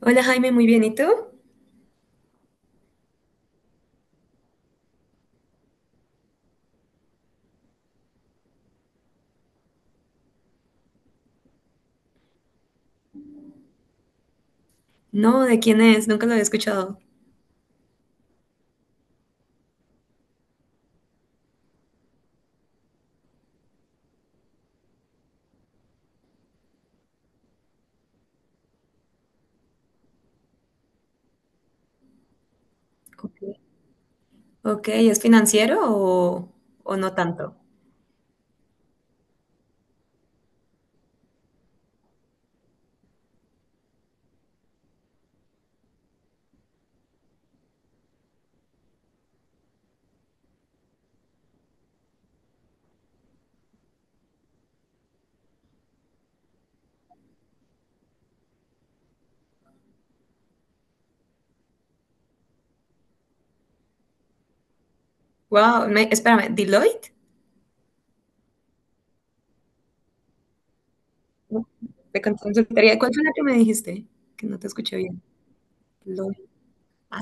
Hola Jaime, muy bien. ¿Y tú? No, ¿de quién es? Nunca lo había escuchado. Ok, ok, ¿es financiero o no tanto? Wow, espérame, ¿Deloitte? No, de consultoría. ¿Cuál fue la que me dijiste? Que no te escuché bien. Deloitte. Ah,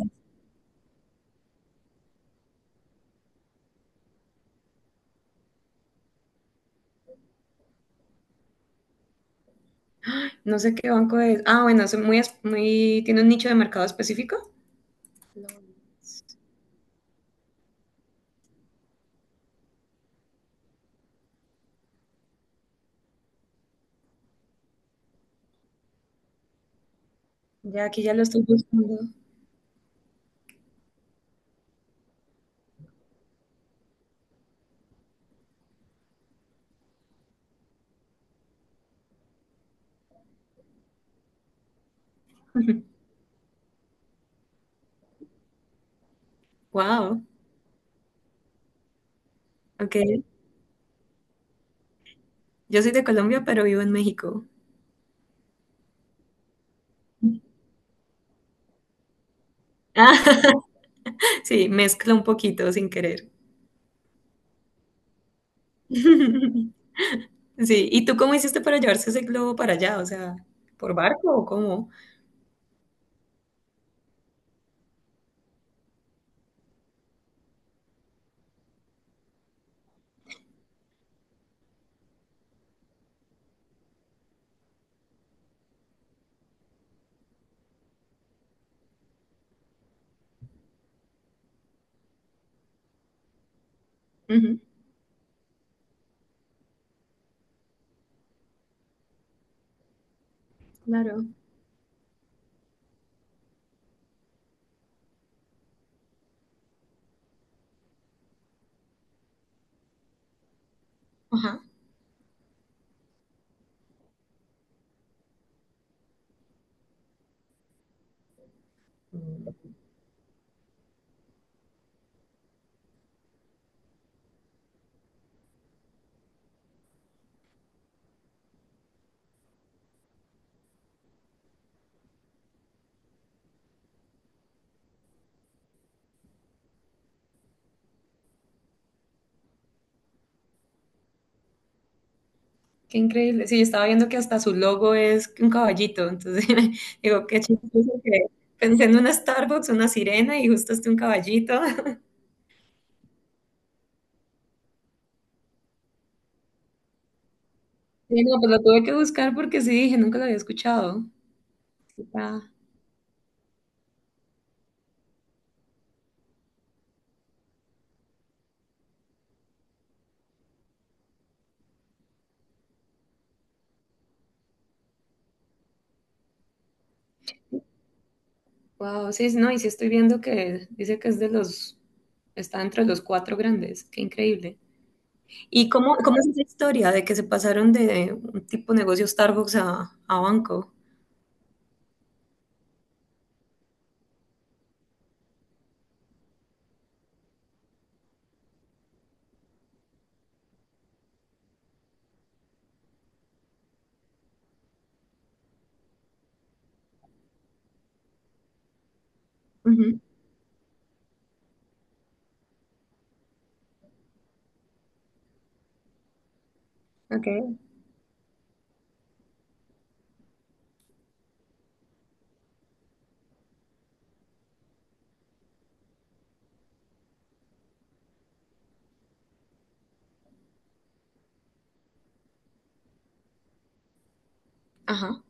no sé qué banco es. Ah, bueno, es muy, tiene un nicho de mercado específico. Deloitte. Ya aquí ya lo estoy buscando. Wow, ok. Yo soy de Colombia, pero vivo en México. Ah, sí, mezclo un poquito sin querer. Sí, ¿y tú cómo hiciste para llevarse ese globo para allá? O sea, ¿por barco o cómo? Ujú, claro. Ajá. Qué increíble. Sí, yo estaba viendo que hasta su logo es un caballito. Entonces, digo, qué chistoso que pensé en una Starbucks, una sirena y justo este un caballito. Sí, no, pues lo tuve que buscar porque sí, dije, nunca lo había escuchado. Wow, sí, sí, no, y sí estoy viendo que dice que es de los, está entre los cuatro grandes. Qué increíble. ¿Y cómo es esa historia de que se pasaron de un tipo de negocio Starbucks a banco? Ujú, ok. Ajá.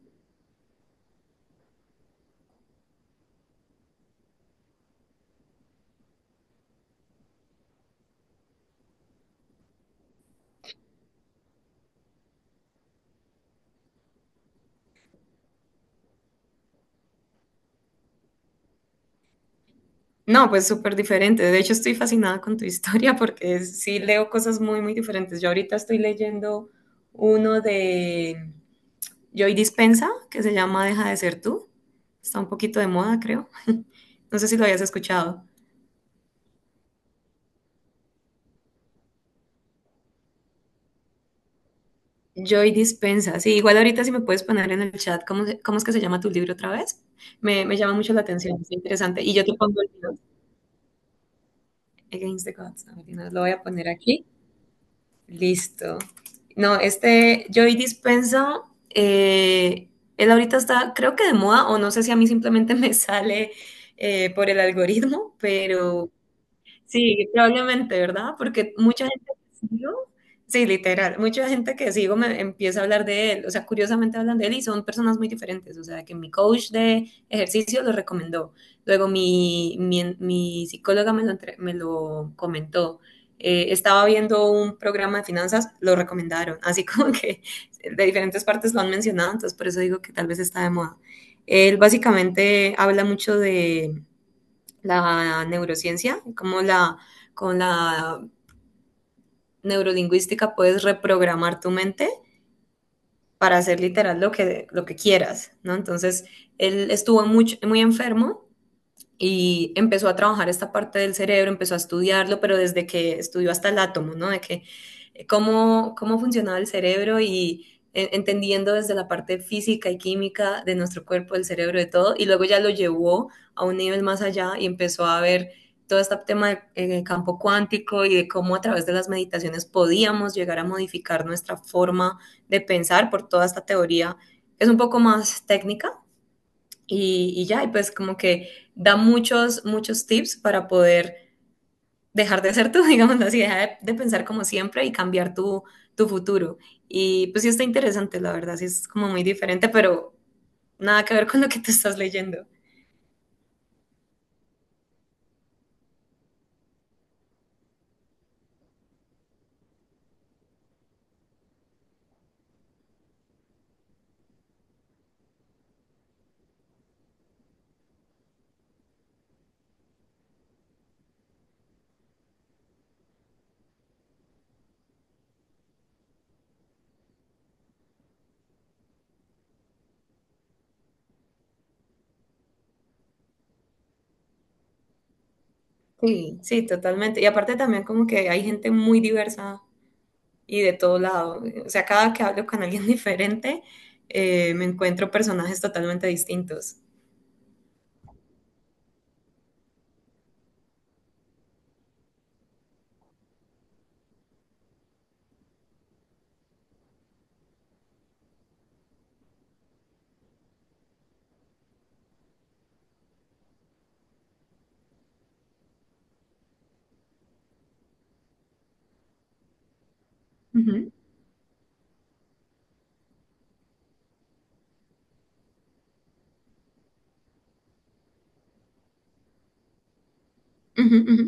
No, pues súper diferente. De hecho, estoy fascinada con tu historia porque sí leo cosas muy diferentes. Yo ahorita estoy leyendo uno de Joy Dispensa que se llama Deja de ser tú. Está un poquito de moda, creo. No sé si lo habías escuchado. Joy Dispensa. Sí, igual ahorita si me puedes poner en el chat cómo es que se llama tu libro otra vez. Me llama mucho la atención, es interesante. Y yo te pongo el libro. Against the Gods. A ver, no, lo voy a poner aquí. Listo. No, este Joy Dispenza, eh, él ahorita está, creo que de moda, o no sé si a mí simplemente me sale por el algoritmo, pero sí, probablemente, ¿verdad? Porque mucha gente que sigo, sí, literal, mucha gente que sigo me empieza a hablar de él, o sea, curiosamente hablan de él y son personas muy diferentes, o sea, que mi coach de ejercicio lo recomendó, luego mi psicóloga me lo comentó, estaba viendo un programa de finanzas, lo recomendaron, así como que de diferentes partes lo han mencionado, entonces por eso digo que tal vez está de moda. Él básicamente habla mucho la neurociencia, con la neurolingüística puedes reprogramar tu mente para hacer literal lo que quieras, ¿no? Entonces, él estuvo mucho, muy enfermo y empezó a trabajar esta parte del cerebro, empezó a estudiarlo, pero desde que estudió hasta el átomo, ¿no? De que Cómo, cómo funcionaba el cerebro y entendiendo desde la parte física y química de nuestro cuerpo, del cerebro, de todo, y luego ya lo llevó a un nivel más allá y empezó a ver todo este tema del campo cuántico y de cómo a través de las meditaciones podíamos llegar a modificar nuestra forma de pensar por toda esta teoría. Es un poco más técnica, y pues como que da muchos tips para poder dejar de ser tú, digamos así, de pensar como siempre y cambiar tu, tu futuro. Y pues sí está interesante, la verdad, sí es como muy diferente, pero nada que ver con lo que tú estás leyendo. Sí. Sí, totalmente. Y aparte también como que hay gente muy diversa y de todo lado. O sea, cada que hablo con alguien diferente, me encuentro personajes totalmente distintos. Ujú, ujú, ujú.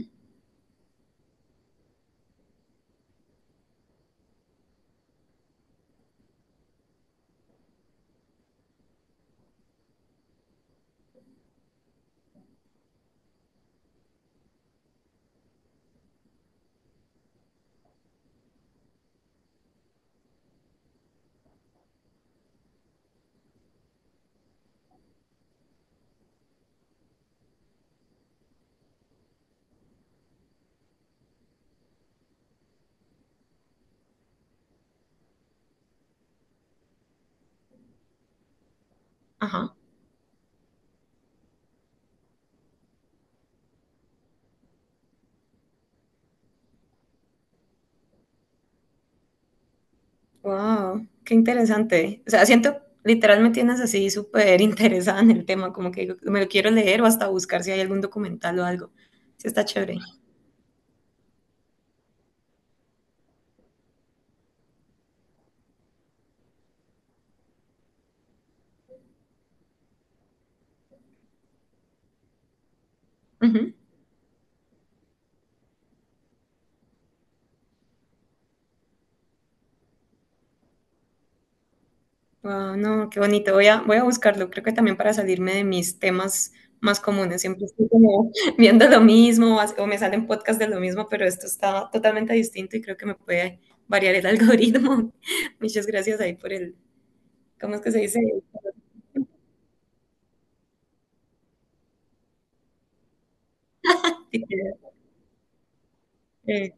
Ajá. Wow, qué interesante. O sea, siento, literal me tienes así súper interesada en el tema, como que digo, me lo quiero leer o hasta buscar si hay algún documental o algo. Sí, está chévere. Ujú. Wow, no, qué bonito. Voy a buscarlo. Creo que también para salirme de mis temas más comunes. Siempre estoy como viendo lo mismo o me salen podcasts de lo mismo, pero esto está totalmente distinto y creo que me puede variar el algoritmo. Muchas gracias ahí ¿cómo es que se dice? Tiqueteo. Eh,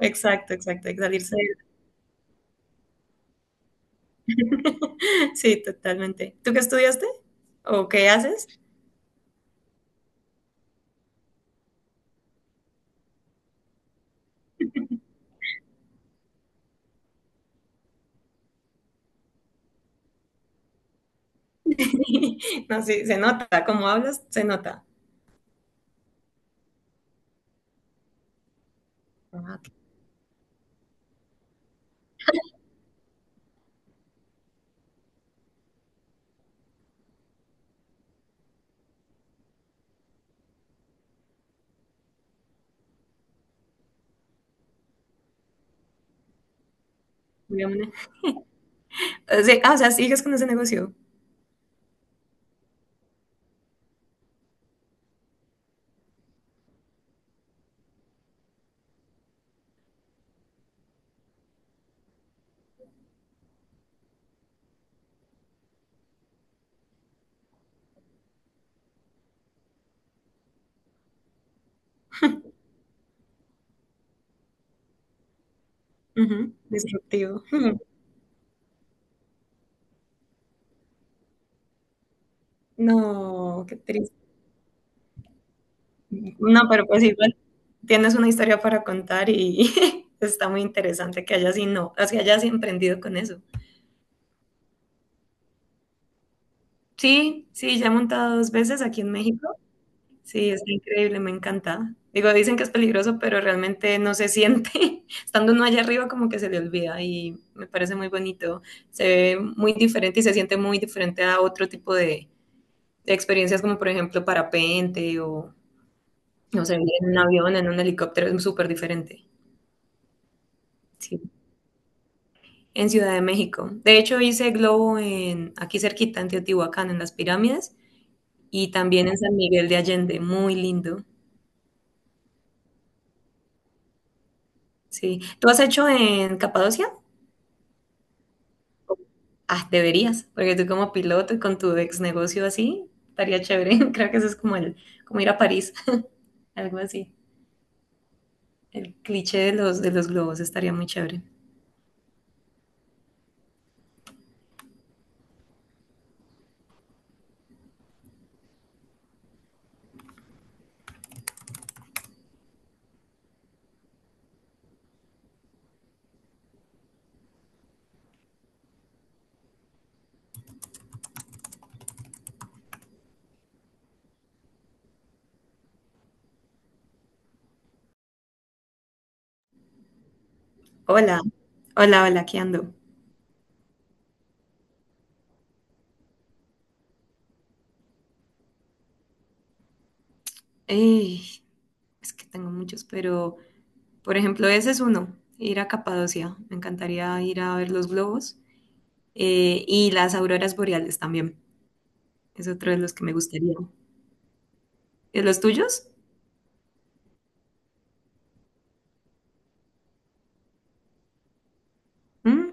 exacto, exacto, salirse. Sí, totalmente. ¿Tú qué estudiaste? ¿O qué haces? No, sí, se nota. Como hablas, se nota. Ah, qué buena. O sea, ah, o sea, sigues con ese negocio. Ujú, disruptivo. Ujú. No, qué triste. No, pero pues igual tienes una historia para contar y está muy interesante que hayas, y no, o que hayas emprendido con eso. Sí, sí, ya he montado dos veces aquí en México. Sí, está increíble, me encanta. Digo, dicen que es peligroso, pero realmente no se siente. Estando uno allá arriba, como que se le olvida y me parece muy bonito. Se ve muy diferente y se siente muy diferente a otro tipo de experiencias, como por ejemplo no sé, en un avión, en un helicóptero, es súper diferente. Sí, en Ciudad de México. De hecho, hice globo en, aquí cerquita, en Teotihuacán, en las pirámides, y también en San Miguel de Allende, muy lindo. Sí. ¿Tú has hecho en Capadocia? Ah, deberías, porque tú como piloto y con tu ex negocio así, estaría chévere. Creo que eso es como el, como ir a París, algo así. El cliché de de los globos estaría muy chévere. Hola, hola, hola, ¿qué ando? Ey, es que tengo muchos, pero por ejemplo, ese es uno, ir a Capadocia. Me encantaría ir a ver los globos y las auroras boreales también. Es otro de los que me gustaría. ¿De los tuyos? ¿Mm?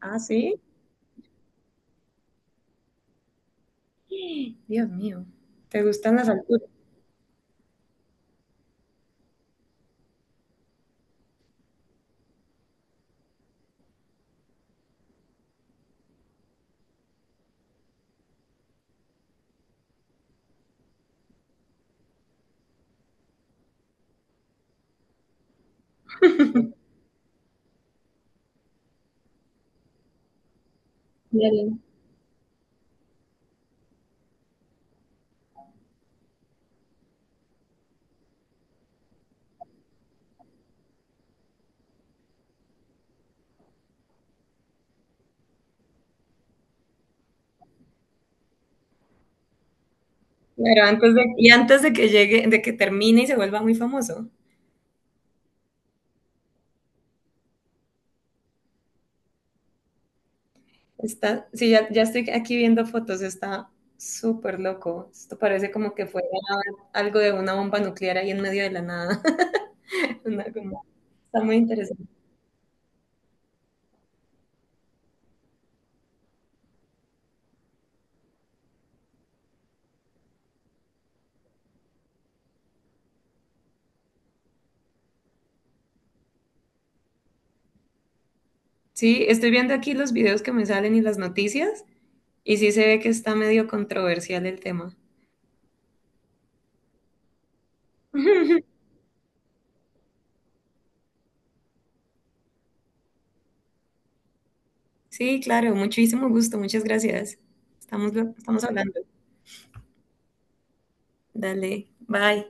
Ah, sí. Dios mío, ¿te gustan las alturas? Claro, antes de, y antes de que llegue, de que termine y se vuelva muy famoso. Está, sí, ya, ya estoy aquí viendo fotos, está súper loco. Esto parece como que fuera algo de una bomba nuclear ahí en medio de la nada. Una como- está muy interesante. Sí, estoy viendo aquí los videos que me salen y las noticias, y sí se ve que está medio controversial el tema. Sí, claro, muchísimo gusto, muchas gracias. Estamos, estamos hablando. Dale, bye.